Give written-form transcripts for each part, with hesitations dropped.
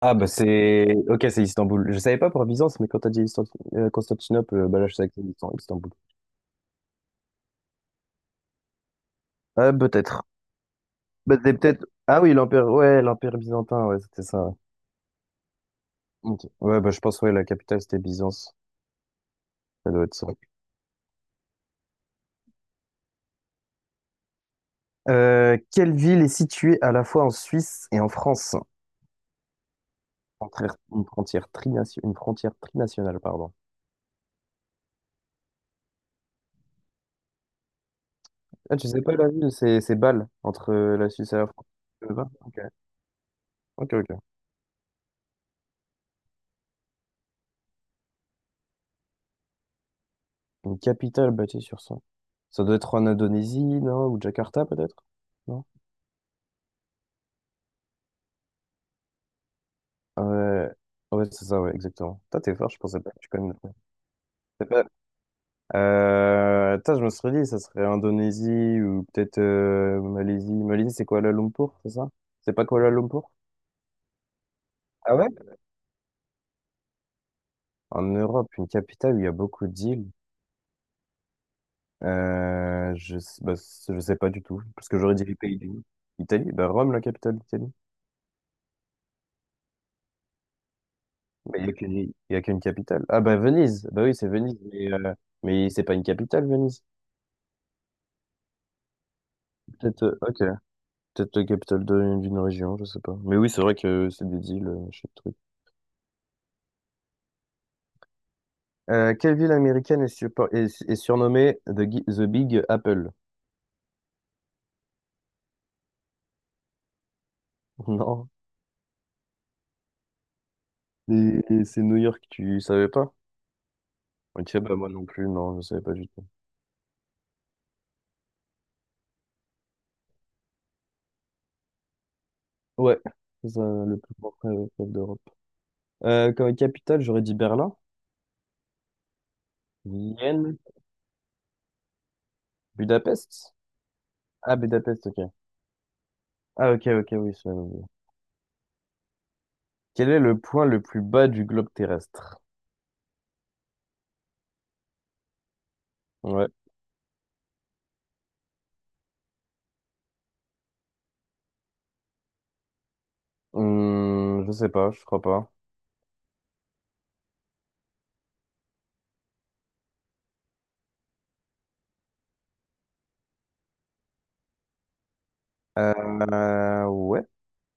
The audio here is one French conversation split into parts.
Ah bah c'est... Ok, c'est Istanbul. Je savais pas pour Byzance, mais quand t'as dit Constantinople, bah là je savais que c'était Istanbul. Ah peut-être. Bah c'est peut-être... Ah oui, l'Empire... Ouais, l'Empire byzantin, ouais, c'était ça. Ouais. Ok. Ouais, bah je pense, ouais, la capitale c'était Byzance. Ça doit être ça. Quelle ville est située à la fois en Suisse et en France? Une une frontière trinationale, pardon. Ah, tu sais pas la ville, c'est Bâle, entre la Suisse et la France. Tu veux pas. Ok, ok, ok. Une capitale bâtie sur ça. Ça doit être en Indonésie, non? Ou Jakarta, peut-être? Non? Ah ouais, ouais c'est ça, ouais, exactement. Toi, t'es fort, je pensais pas que tu connais. C'est pas- tain, je me serais dit, ça serait Indonésie ou peut-être Malaisie. Malaisie, c'est Kuala Lumpur, c'est ça? C'est pas Kuala Lumpur? Ah ouais? En Europe, une capitale où il y a beaucoup d'îles. Je sais pas du tout, parce que j'aurais dit les pays du... Italie, bah Rome, la capitale d'Italie. Mais il n'y a qu'une, il y a qu'une capitale. Ah bah Venise, bah oui, c'est Venise, mais c'est pas une capitale, Venise. Peut-être, ok, peut-être la capitale d'une région, je sais pas. Mais oui, c'est vrai que c'est des îles, je sais pas. Quelle ville américaine est, est surnommée The Big Apple? Non. Et c'est New York, tu savais pas? Ok, bah moi non plus, non, je savais pas du tout. Ouais, c'est ça, le plus grand fleuve d'Europe. Comme capitale, j'aurais dit Berlin, Vienne, Budapest. Ah, Budapest, ok. Ah, ok, ok, oui, ça. Quel est le point le plus bas du globe terrestre? Ouais. Je sais pas, je crois pas. Ouais,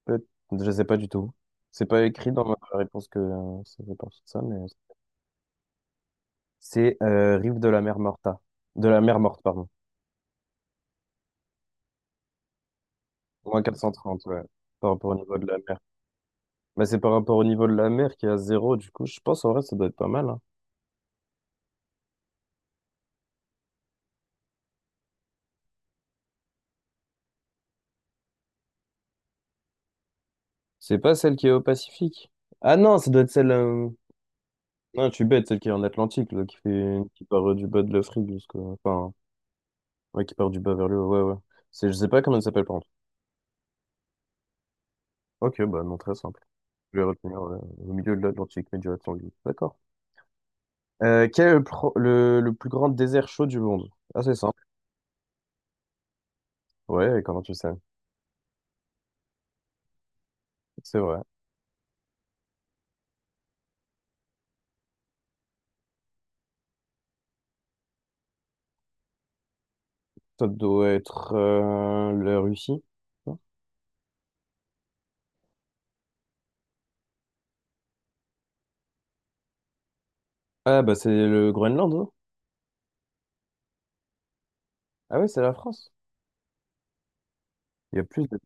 peut- je sais pas du tout. C'est pas écrit dans ma réponse que ça fait partie de ça, mais c'est rive de la mer Morta. De la mer morte, pardon. Moins 430, ouais. Par rapport au niveau de la mer. Bah, c'est par rapport au niveau de la mer qui est à zéro, du coup. Je pense en vrai, ça doit être pas mal, hein. C'est pas celle qui est au Pacifique. Ah non, ça doit être celle. Non, tu bête, celle qui est en Atlantique, là, qui fait... qui part du bas de l'Afrique jusqu'au... Enfin. Ouais, qui part du bas vers le haut, ouais, ouais. C'est, je sais pas comment ça s'appelle, par contre. Ok, bah non, très simple. Je vais retenir au milieu de l'Atlantique mais du atlantique. D'accord. Quel est le plus grand désert chaud du monde? Ah, c'est simple. Ouais, comment tu sais? C'est vrai. Ça doit être la Russie. Non. Ah, bah c'est le Groenland, hein. Ah ouais, c'est la France. Il y a plus de...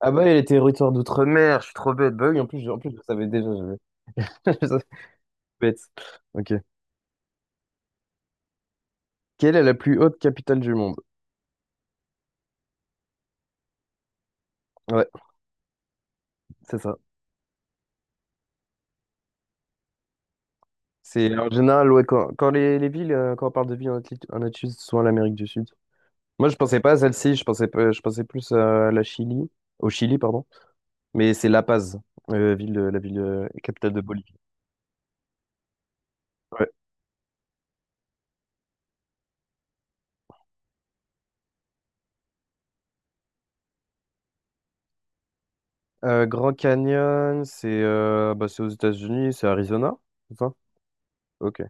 Ah bah, il y a les territoires d'outre-mer, je suis trop bête. Bah oui, en plus, en plus je le savais déjà. Je... je le savais, bête. Ok. Quelle est la plus haute capitale du monde? Ouais, c'est ça. C'est en général, ouais, quand les villes, quand on parle de villes en en Asie, c'est souvent l'Amérique du Sud. Moi, je pensais pas à celle-ci, je pensais, pas- je pensais plus à la Chili, au Chili, pardon. Mais c'est La Paz, la ville capitale de Bolivie. Ouais. Grand Canyon, c'est bah, c'est aux États-Unis, c'est Arizona, c'est ça? Ok.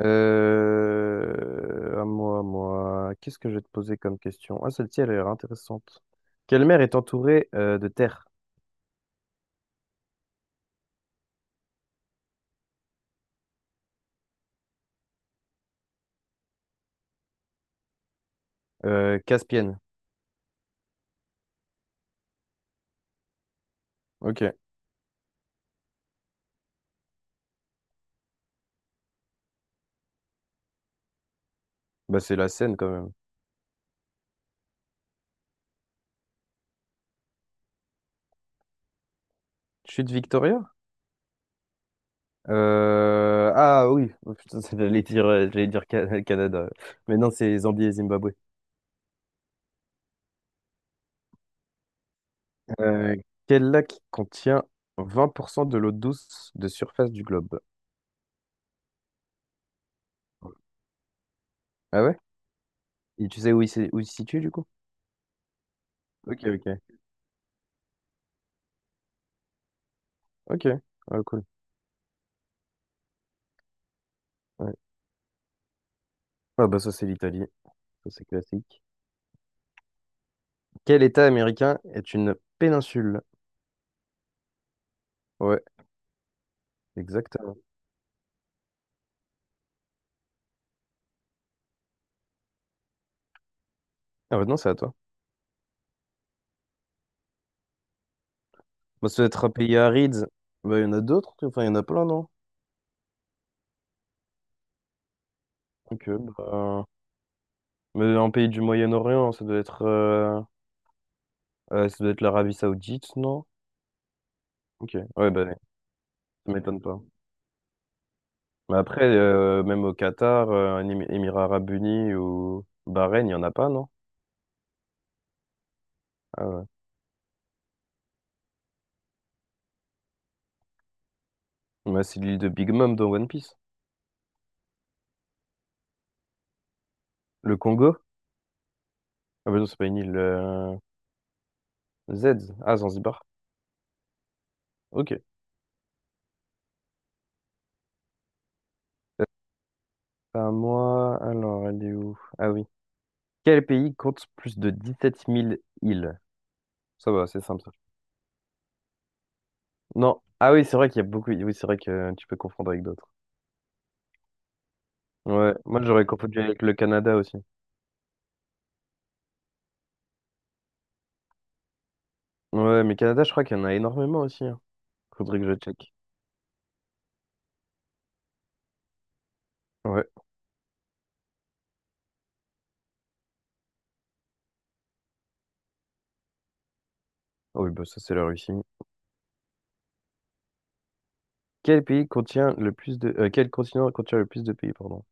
À moi, à moi, qu'est-ce que je vais te poser comme question? Ah, celle-ci, elle a l'air intéressante. Quelle mer est entourée de terre? Caspienne. Ok. Bah, c'est la Seine quand même. Chute Victoria? Ah oui. Oh, putain, j'allais dire Canada. Mais non, c'est Zambie et Zimbabwe. Euh, Quel lac contient 20% de l'eau douce de surface du globe? Ah ouais? Et tu sais où il se situe du coup? Ok, ok. Ok, ah, cool. Ouais. Ah bah ça c'est l'Italie, ça c'est classique. Quel État américain est une péninsule? Ouais, exactement. Ah bah non, c'est à toi. Bah, ça doit être un pays aride. Bah il y en a d'autres, enfin il y en a plein, non? Ok, bah... Mais un pays du Moyen-Orient, ça doit être l'Arabie Saoudite, non? Ok, ouais, bah, ça m'étonne pas. Mais après, même au Qatar, un Émirats Arabes Unis ou Bahreïn, il n'y en a pas, non? Ah ouais. Bah, c'est l'île de Big Mom dans One Piece. Le Congo? Ah bah non, c'est pas une île. Z. Ah, Zanzibar. Ok. À moi, alors, elle est où? Ah oui. Quel pays compte plus de 17 000 îles? Ça va, c'est simple ça. Non. Ah oui, c'est vrai qu'il y a beaucoup. Oui, c'est vrai que tu peux confondre avec d'autres. Ouais, moi j'aurais confondu avec le Canada aussi. Ouais, mais Canada, je crois qu'il y en a énormément aussi, hein. Faudrait que je check. Ouais. Oh, oui, bah ça c'est la Russie. Quel pays contient le plus de... quel continent contient le plus de pays, pardon?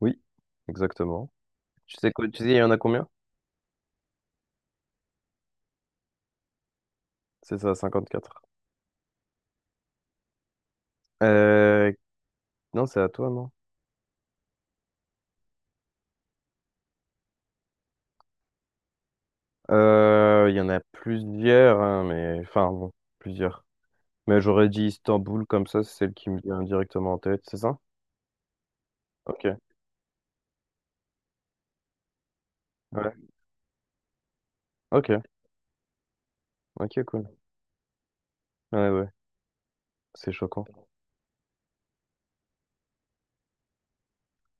Oui, exactement. Tu sais quoi, tu sais, il y en a combien? C'est ça, 54. Euh... Non, c'est à toi, non? Il y en a plusieurs, hein, mais... Enfin, bon, plusieurs. Mais j'aurais dit Istanbul, comme ça, c'est celle qui me vient directement en tête, c'est ça? Ok. Ouais. Ok, ok, cool. Ouais, ouais, c'est choquant.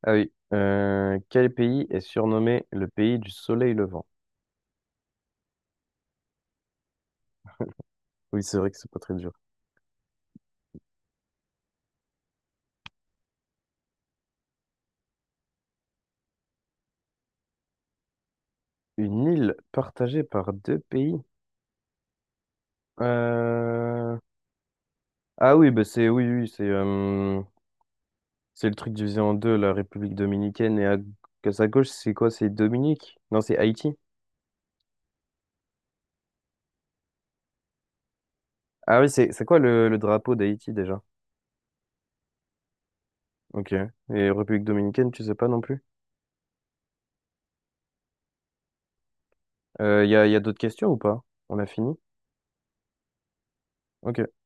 Ah oui. Quel pays est surnommé le pays du soleil levant? Oui, c'est vrai que c'est pas très dur. Une île partagée par deux pays? Euh, Ah oui, bah c'est oui, oui, c'est le truc divisé en deux, la République dominicaine et à, que sa gauche, c'est quoi? C'est Dominique? Non, c'est Haïti. Ah oui, c'est quoi le drapeau d'Haïti déjà? Ok. Et République dominicaine, tu sais pas non plus? Il y a, y a d'autres questions ou pas? On a fini? Ok.